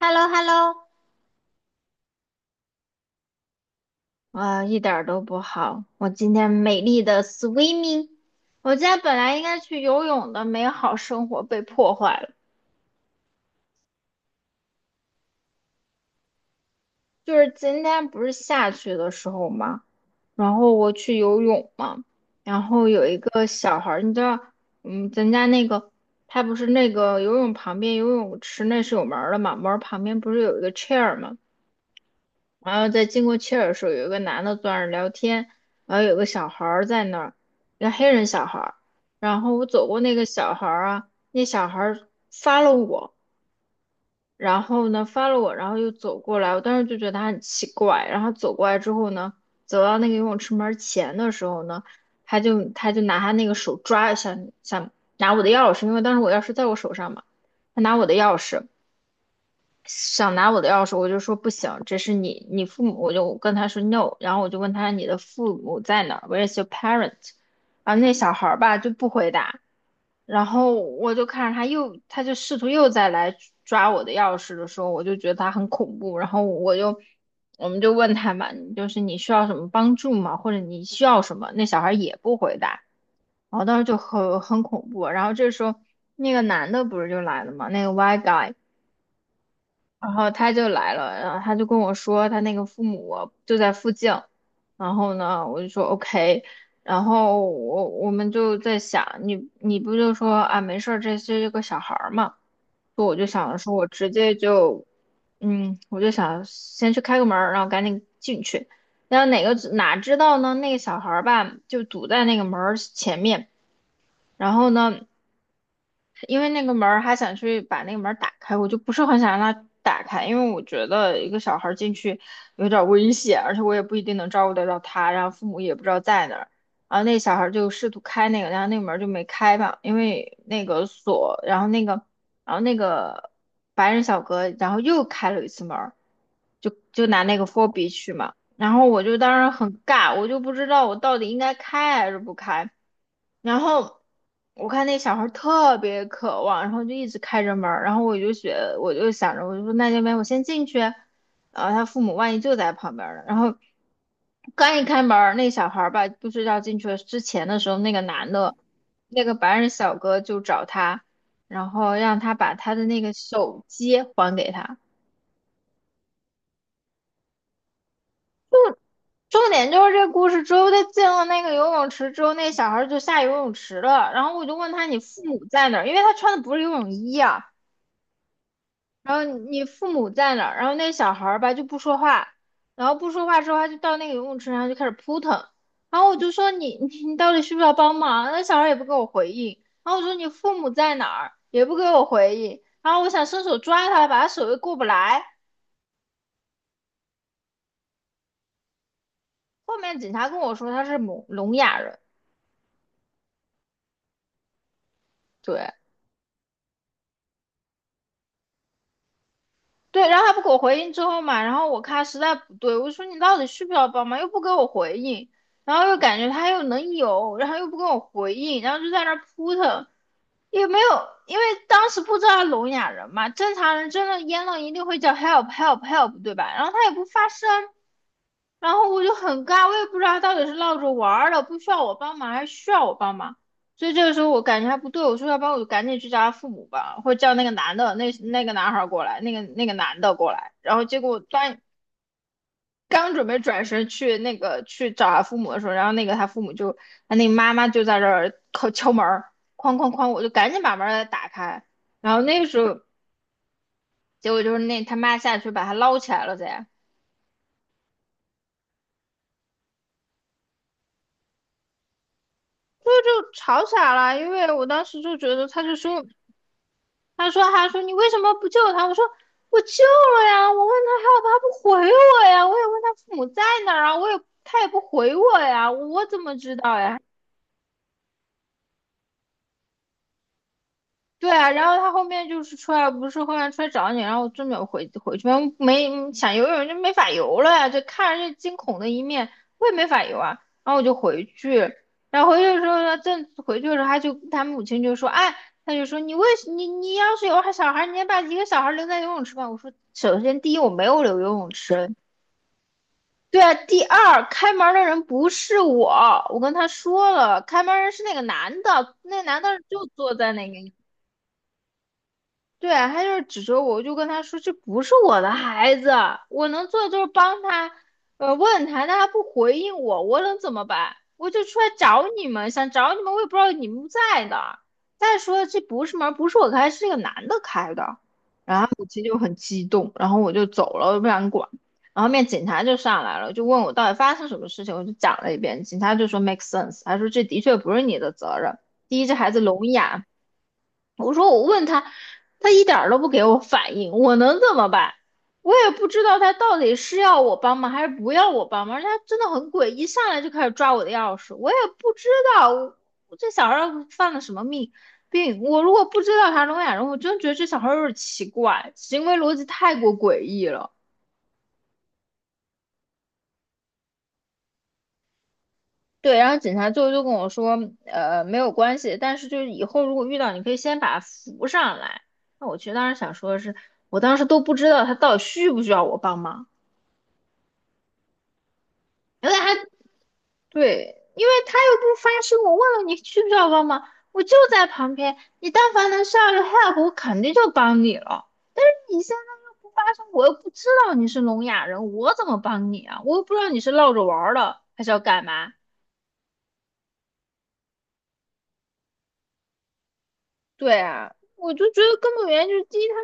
h e l l o h e l l o 啊，一点儿都不好。我今天美丽的 swimming，我今天本来应该去游泳的美好生活被破坏了。就是今天不是下去的时候嘛，然后我去游泳嘛，然后有一个小孩儿，你知道，咱家那个他不是那个游泳旁边游泳池那是有门儿的嘛，门儿旁边不是有一个 chair 嘛，然后在经过切尔的时候，有一个男的坐那儿聊天，然后有个小孩儿在那儿，一个黑人小孩儿。然后我走过那个小孩儿啊，那小孩儿发了我，然后呢发了我，然后又走过来，我当时就觉得他很奇怪。然后走过来之后呢，走到那个游泳池门前的时候呢，他就拿他那个手抓，想想拿我的钥匙，因为当时我钥匙在我手上嘛，他拿我的钥匙。想拿我的钥匙，我就说不行，这是你父母，我就跟他说 no，然后我就问他你的父母在哪 w h e r e i s your parent？然后那小孩儿吧就不回答，然后我就看着他又，他就试图又再来抓我的钥匙的时候，我就觉得他很恐怖，然后我们就问他嘛，就是你需要什么帮助吗？或者你需要什么？那小孩儿也不回答，然后当时就很恐怖，然后这时候那个男的不是就来了嘛，那个 white guy。然后他就来了，然后他就跟我说他那个父母就在附近，然后呢，我就说 OK，然后我们就在想，你不就说啊没事儿，这是个小孩儿嘛，所以我就想着说我直接就，我就想先去开个门儿然后赶紧进去，然后哪知道呢，那个小孩儿吧就堵在那个门儿前面，然后呢。因为那个门儿还想去把那个门儿打开，我就不是很想让他打开，因为我觉得一个小孩儿进去有点儿危险，而且我也不一定能照顾得到他，然后父母也不知道在哪儿。然后那小孩儿就试图开那个，然后那个门儿就没开吧，因为那个锁，然后那个，然后那个白人小哥，然后又开了一次门儿，就拿那个佛 b 去嘛。然后我就当时很尬，我就不知道我到底应该开还是不开。然后我看那小孩儿特别渴望，然后就一直开着门儿，然后我就觉得我就想着，我就说那要不然我先进去，然后他父母万一就在旁边儿呢，然后刚一开门儿，那小孩儿吧，不知道进去之前的时候，那个男的，那个白人小哥就找他，然后让他把他的那个手机还给他。重点就是这故事，之后他进了那个游泳池之后，那小孩就下游泳池了。然后我就问他：“你父母在哪儿？”因为他穿的不是游泳衣啊。然后你父母在哪儿？然后那小孩吧就不说话，然后不说话之后，他就到那个游泳池上就开始扑腾。然后我就说你： 你到底需不需要帮忙？”那小孩也不给我回应。然后我说：“你父母在哪儿？”也不给我回应。然后我想伸手抓他，把他手又过不来。后面警察跟我说他是聋哑人，对。对，然后他不给我回应之后嘛，然后我看他实在不对，我说你到底需不需要帮忙，又不给我回应，然后又感觉他又能有，然后又不给我回应，然后就在那儿扑腾，也没有，因为当时不知道他聋哑人嘛，正常人真的淹了一定会叫 help help help 对吧？然后他也不发声，然后我就很尬，我也不知道他到底是闹着玩儿的，不需要我帮忙还是需要我帮忙。所以这个时候我感觉还不对，我说要不然我就赶紧去找他父母吧，或者叫那个男的，那个男孩儿过来，那个男的过来。然后结果我刚刚准备转身去那个去找他父母的时候，然后那个他父母就他那个妈妈就在这儿敲敲门儿，哐哐哐，我就赶紧把门儿打开。然后那个时候结果就是那他妈下去把他捞起来了噻，所以就吵起来了。因为我当时就觉得他就说他说他说你为什么不救他？我说我救了呀，我问他号不他不回我呀，我也问他父母在哪儿啊，我也他也不回我呀，我怎么知道呀？对啊，然后他后面就是出来，不是后面出来找你，然后我真没有回去，没想游泳就没法游了呀，就看着这惊恐的一面，我也没法游啊，然后我就回去，然后回去的时候呢，正回去的时候，他就他母亲就说，哎，他就说你为什你要是有小孩，你也把一个小孩留在游泳池吧。我说，首先第一我没有留游泳池，对啊，第二开门的人不是我，我跟他说了，开门人是那个男的，那男的就坐在那个。对，他就是指着我，我就跟他说这不是我的孩子，我能做的就是帮他，问他，但他不回应我，我能怎么办？我就出来找你们，想找你们，我也不知道你们不在的。再说这不是门，不是我开，是那个男的开的。然后母亲就很激动，然后我就走了，我不想管。然后后面警察就上来了，就问我到底发生什么事情，我就讲了一遍。警察就说 make sense，他说这的确不是你的责任。第一，这孩子聋哑；我说我问他，他一点儿都不给我反应，我能怎么办？我也不知道他到底是要我帮忙还是不要我帮忙，而且他真的很诡异，上来就开始抓我的钥匙，我也不知道我这小孩儿犯了什么病。我如果不知道他聋哑人，我真觉得这小孩儿有点奇怪，行为逻辑太过诡异了。对，然后警察最后就跟我说，没有关系，但是就是以后如果遇到，你可以先把他扶上来。那我其实当时想说的是，我当时都不知道他到底需不需要我帮忙，原来他对，因为他又不发声，我问了你需不需要帮忙，我就在旁边，你但凡能上来 help，我肯定就帮你了。你现在又不发声，我又不知道你是聋哑人，我怎么帮你啊？我又不知道你是闹着玩儿的还是要干嘛。对啊，我就觉得根本原因就是第一，他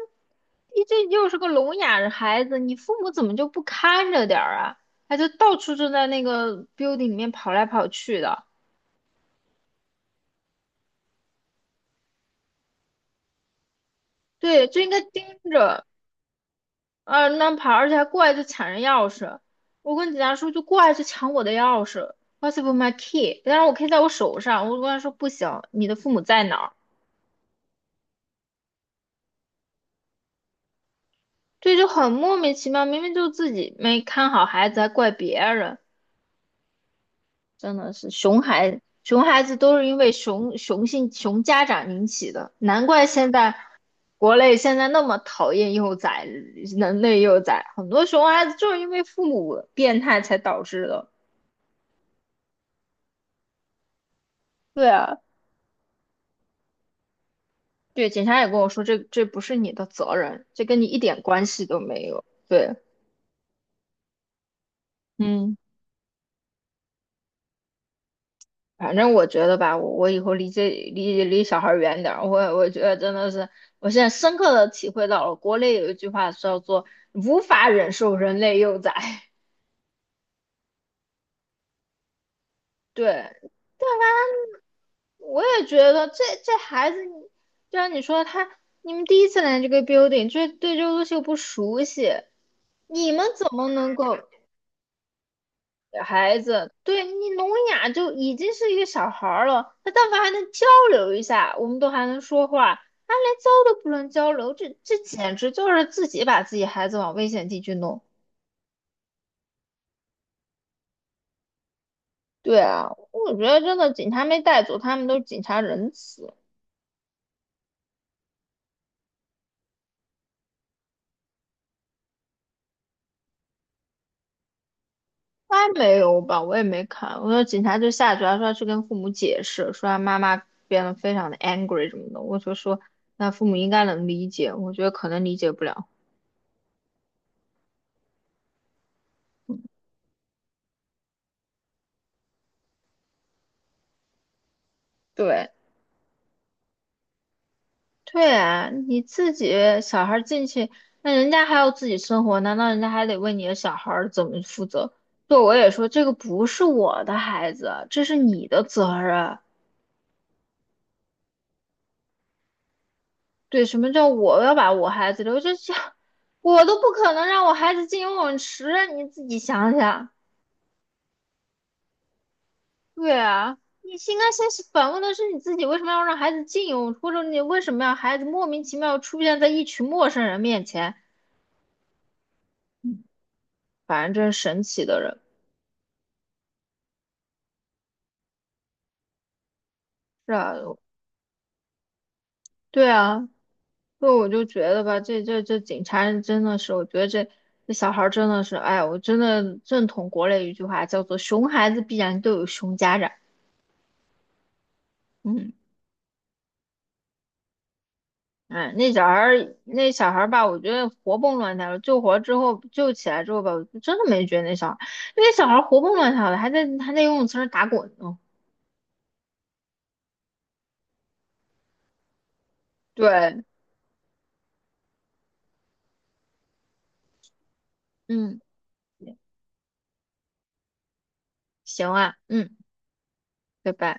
第一这又是个聋哑的孩子，你父母怎么就不看着点儿啊？他就到处就在那个 building 里面跑来跑去的。对，就应该盯着，啊那跑，而且还过来就抢人钥匙。我跟警察说，就过来就抢我的钥匙，What's with my key？但是我 key 在我手上，我跟他说不行，你的父母在哪儿？对，就很莫名其妙，明明就自己没看好孩子，还怪别人。真的是熊孩子都是因为熊家长引起的，难怪现在国内现在那么讨厌幼崽，人类幼崽，很多熊孩子就是因为父母变态才导致的。对啊，对，警察也跟我说，这不是你的责任，这跟你一点关系都没有。对，嗯。反正我觉得吧，我以后离这离小孩儿远点儿。我觉得真的是，我现在深刻的体会到了，国内有一句话叫做"无法忍受人类幼崽"。对，但凡，我也觉得这孩子，你就像你说他，你们第一次来这个 building，这对这个东西又不熟悉，你们怎么能够？孩子，对你聋哑就已经是一个小孩儿了，他但凡还能交流一下，我们都还能说话，他连交都不能交流，这简直就是自己把自己孩子往危险地区弄。对啊，我觉得真的警察没带走，他们都是警察仁慈，应该没有吧？我也没看，我说警察就下去了，说要去跟父母解释，说他妈妈变得非常的 angry 什么的，我就说那父母应该能理解，我觉得可能理解不了。对。对啊，你自己小孩儿进去，那人家还要自己生活，难道人家还得为你的小孩儿怎么负责？对，我也说这个不是我的孩子，这是你的责任。对，什么叫我要把我孩子留？这这，我都不可能让我孩子进游泳池啊，你自己想想。对啊，你是应该先是反问的是你自己，为什么要让孩子进游泳池或者你为什么让孩子莫名其妙出现在一群陌生人面前？反正真是神奇的人。是啊，对啊，所以我就觉得吧，这警察人真的是，我觉得这小孩儿真的是，哎，我真的认同国内一句话，叫做"熊孩子必然都有熊家长"。嗯，哎，那小孩儿吧，我觉得活蹦乱跳的，救起来之后吧，我就真的没觉得那小孩儿，那小孩儿活蹦乱跳的，还在游泳池上打滚呢。对，嗯，行啊，嗯，拜拜。